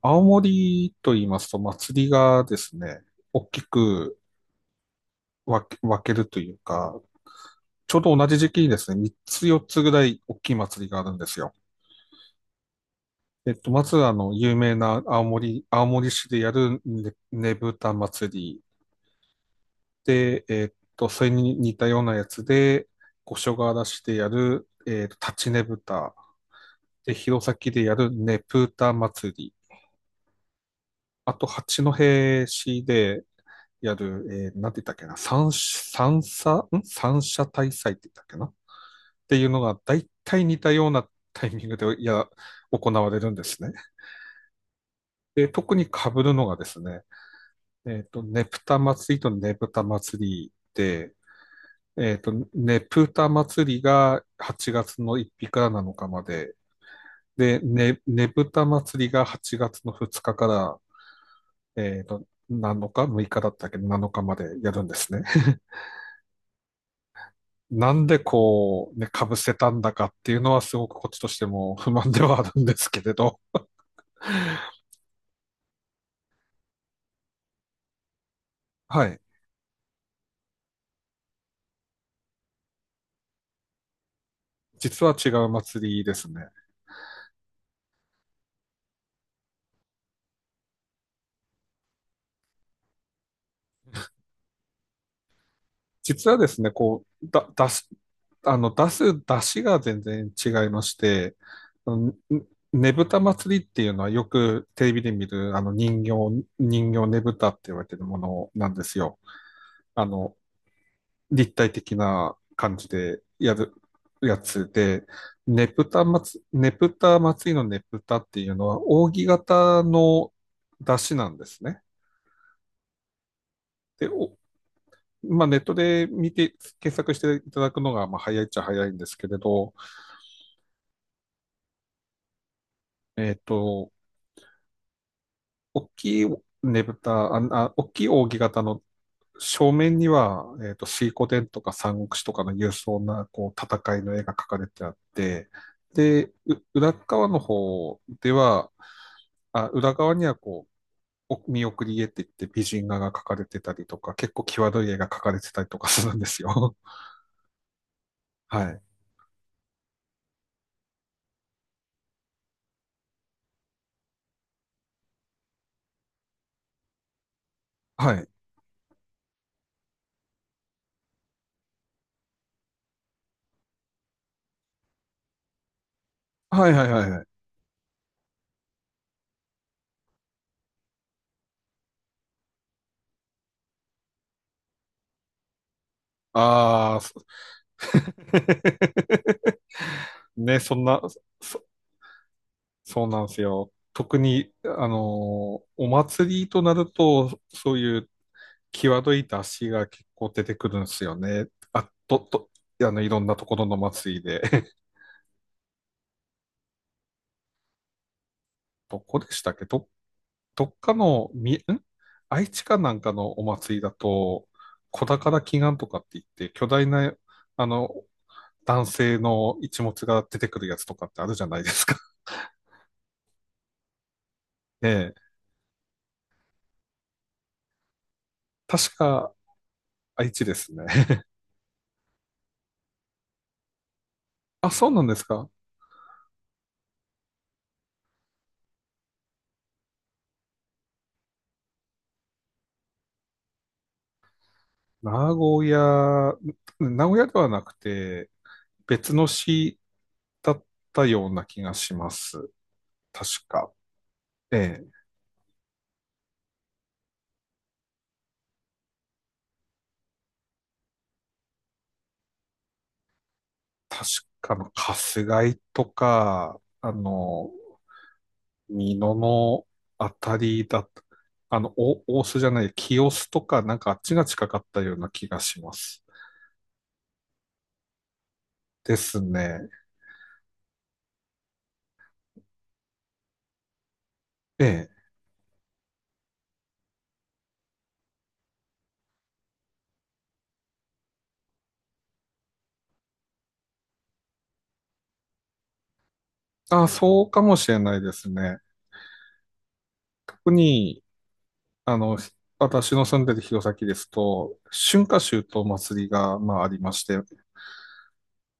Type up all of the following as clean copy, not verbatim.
青森と言いますと、祭りがですね、大きく分けるというか、ちょうど同じ時期にですね、3つ4つぐらい大きい祭りがあるんですよ。えっと、まず、あの、有名な青森市でやるねぶた祭りで、それに似たようなやつで、五所川原市でやる、立ちねぶた、で、弘前でやるねぷた祭り、あと、八戸市でやる、なんて言ったっけな、三者大祭って言ったっけなっていうのが、大体似たようなタイミングで、いや、行われるんですね。で、特に被るのがですね、ねぷた祭りとねぶた祭りで、ねぷた祭りが8月の1日から7日まで、で、ねぶた祭りが8月の2日から、7日？ 6 日だったっけ？ 7 日までやるんですね。なんでこう、ね、被せたんだかっていうのはすごくこっちとしても 不満ではあるんですけれど、はい。実は違う祭りですね。実はですね、こう、だ、出す、あの、出す出汁が全然違いまして、あのねねぶた祭りっていうのはよくテレビで見る人形ねぶたって言われてるものなんですよ。あの、立体的な感じでやるやつで、ネプタ祭りのネプタっていうのは、扇形の出汁なんですね。で、まあ、ネットで見て、検索していただくのが、まあ、早いっちゃ早いんですけれど、えっと、大きいねぶた、あ、あ大きい扇形の正面には、水滸伝とか三国志とかの勇壮な、こう、戦いの絵が描かれてあって、で、う裏側の方では、あ、裏側にはこう、お見送り絵って言って美人画が描かれてたりとか、結構際どい絵が描かれてたりとかするんですよ。はい。はい。はいはいはいはい。ああ、そ ね、そんな、そ、そうなんですよ。特に、お祭りとなると、そういう際どい出しが結構出てくるんですよね。あ、と、と、あの、いろんなところの祭りで。どこでしたっけど、どっかの、み、ん愛知かなんかのお祭りだと、小宝祈願とかって言って、巨大な、あの、男性の一物が出てくるやつとかってあるじゃないですか。ええ。確か、愛知ですね。あ、そうなんですか。名古屋、名古屋ではなくて、別の市だったような気がします。確か。ええ。確かの、春日井とか、美濃のあたりだと、お大須じゃない、清須とか、なんかあっちが近かったような気がします。ですね。ええ。あ、そうかもしれないですね。特に、あの、私の住んでる弘前ですと、春夏秋冬祭りが、まあ、ありまして、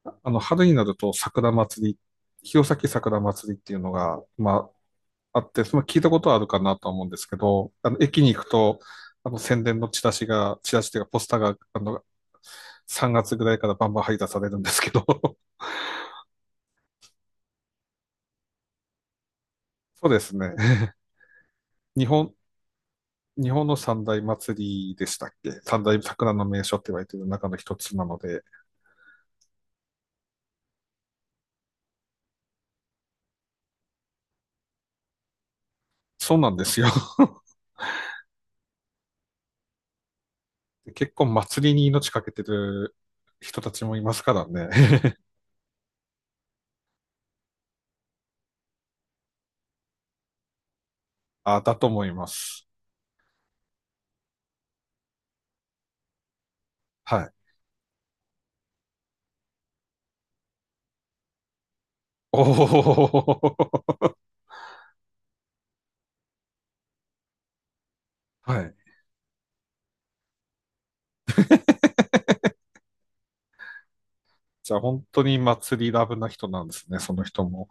春になると桜祭り、弘前桜祭りっていうのが、まあ、あって、その聞いたことはあるかなとは思うんですけど、駅に行くと、宣伝のチラシというかポスターが、3月ぐらいからバンバン配達されるんですけど、そうですね。日本、日本の三大祭りでしたっけ、三大桜の名所って言われてる中の一つなので、そうなんですよ。結構祭りに命かけてる人たちもいますからね。あ、だと思います。はい。おー。はい。じゃあ本当に祭りラブな人なんですね、その人も。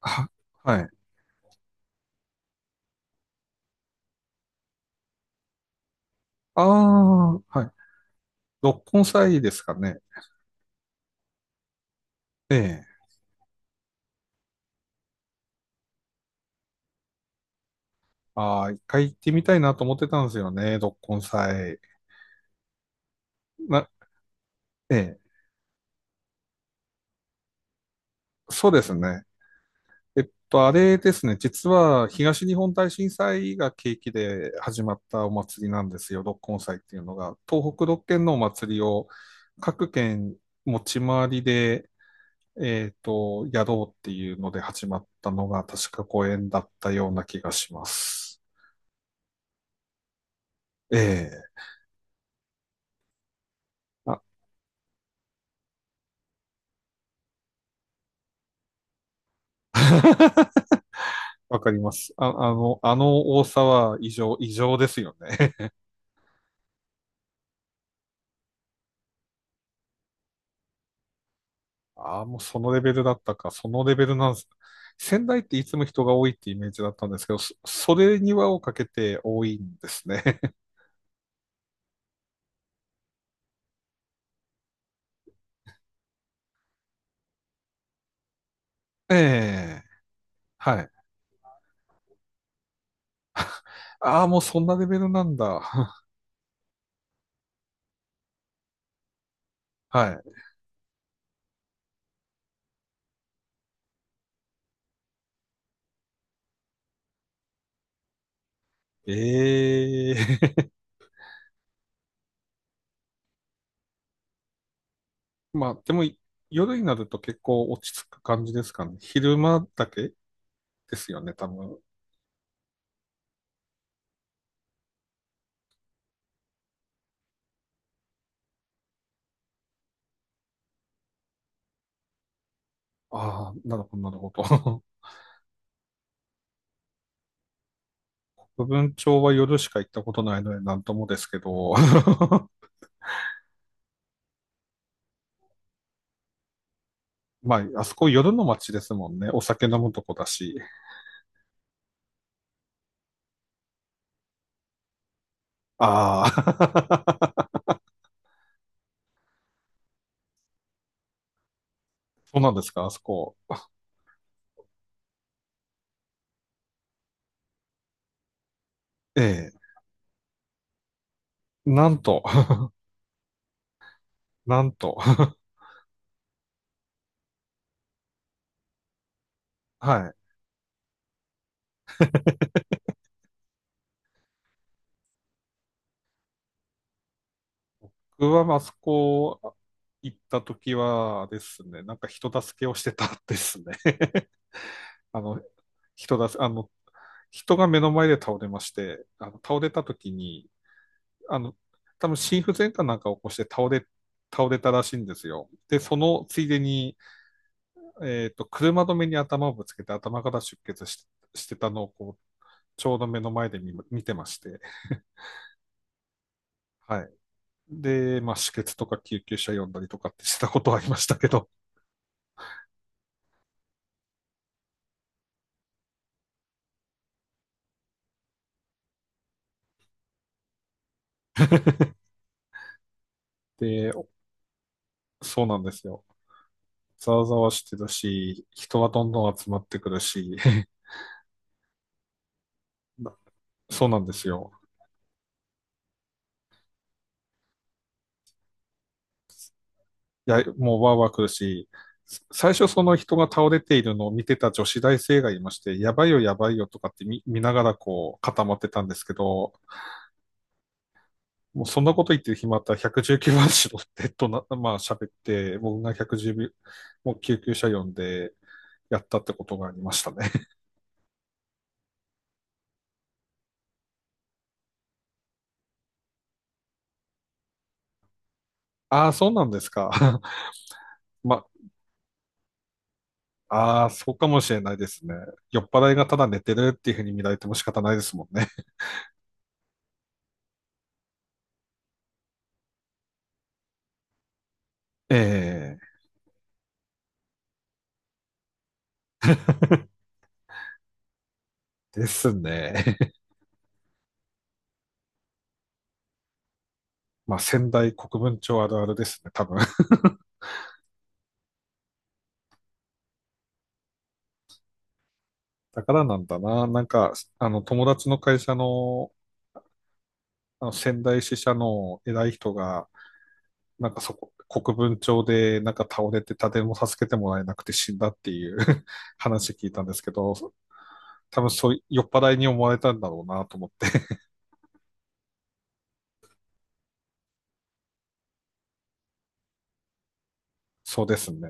は、はい。ああ、はい。六根祭ですかね。ええ。ああ、一回行ってみたいなと思ってたんですよね、六根祭。な、ええ。そうですね。あれですね。実は東日本大震災が契機で始まったお祭りなんですよ、六根祭っていうのが。東北6県のお祭りを各県持ち回りでやろうっていうので始まったのが確か公演だったような気がします。ええ、あ、わかります。あの多さは異常、異常ですよね。ああ、もうそのレベルだったか、そのレベルなんです。仙台っていつも人が多いってイメージだったんですけど、それに輪をかけて多いんですね。ええ、はい。ああ、もうそんなレベルなんだ。はい。ええ、まあ、でも、夜になると結構落ち着く感じですかね。昼間だけですよね、多分。ああ、なるほど、なるほど。部分町は夜しか行ったことないのでなんともですけど。まあ、あそこ夜の街ですもんね。お酒飲むとこだし。ああ、そうなんですか、あそこ。ええ、なんと、なんと。はい。僕はあそこ行った時はですね、なんか人助けをしてたですね。あの、人だ、あの、人が目の前で倒れまして、倒れた時に、あの、多分心不全かなんかを起こして倒れたらしいんですよ。で、そのついでに、車止めに頭をぶつけて頭から出血してたのをこう、ちょうど目の前で見てまして、はい。で、まあ、止血とか救急車呼んだりとかって したことはありましたけど、で、そうなんですよ。ざわざわしてるし、人はどんどん集まってくるし、なそうなんですよ。いや、もうわーわー来るし、最初その人が倒れているのを見てた女子大生がいまして、やばいよやばいよとかって見ながらこう固まってたんですけど、もうそんなこと言ってる暇あったら119番しろってとな、まあ喋って、僕が110秒、もう救急車呼んでやったってことがありましたね。ああ、そうなんですか。まあ、ああ、そうかもしれないですね。酔っ払いがただ寝てるっていうふうに見られても仕方ないですもんね。ええ、ですね。まあ、仙台国分町あるあるですね、多分。だからなんだな。なんか、友達の会社の、あの仙台支社の偉い人が、なんかそこ、国分町でなんか倒れて誰も助けてもらえなくて死んだっていう 話聞いたんですけど、多分そう、酔っ払いに思われたんだろうなと思って。そうですね。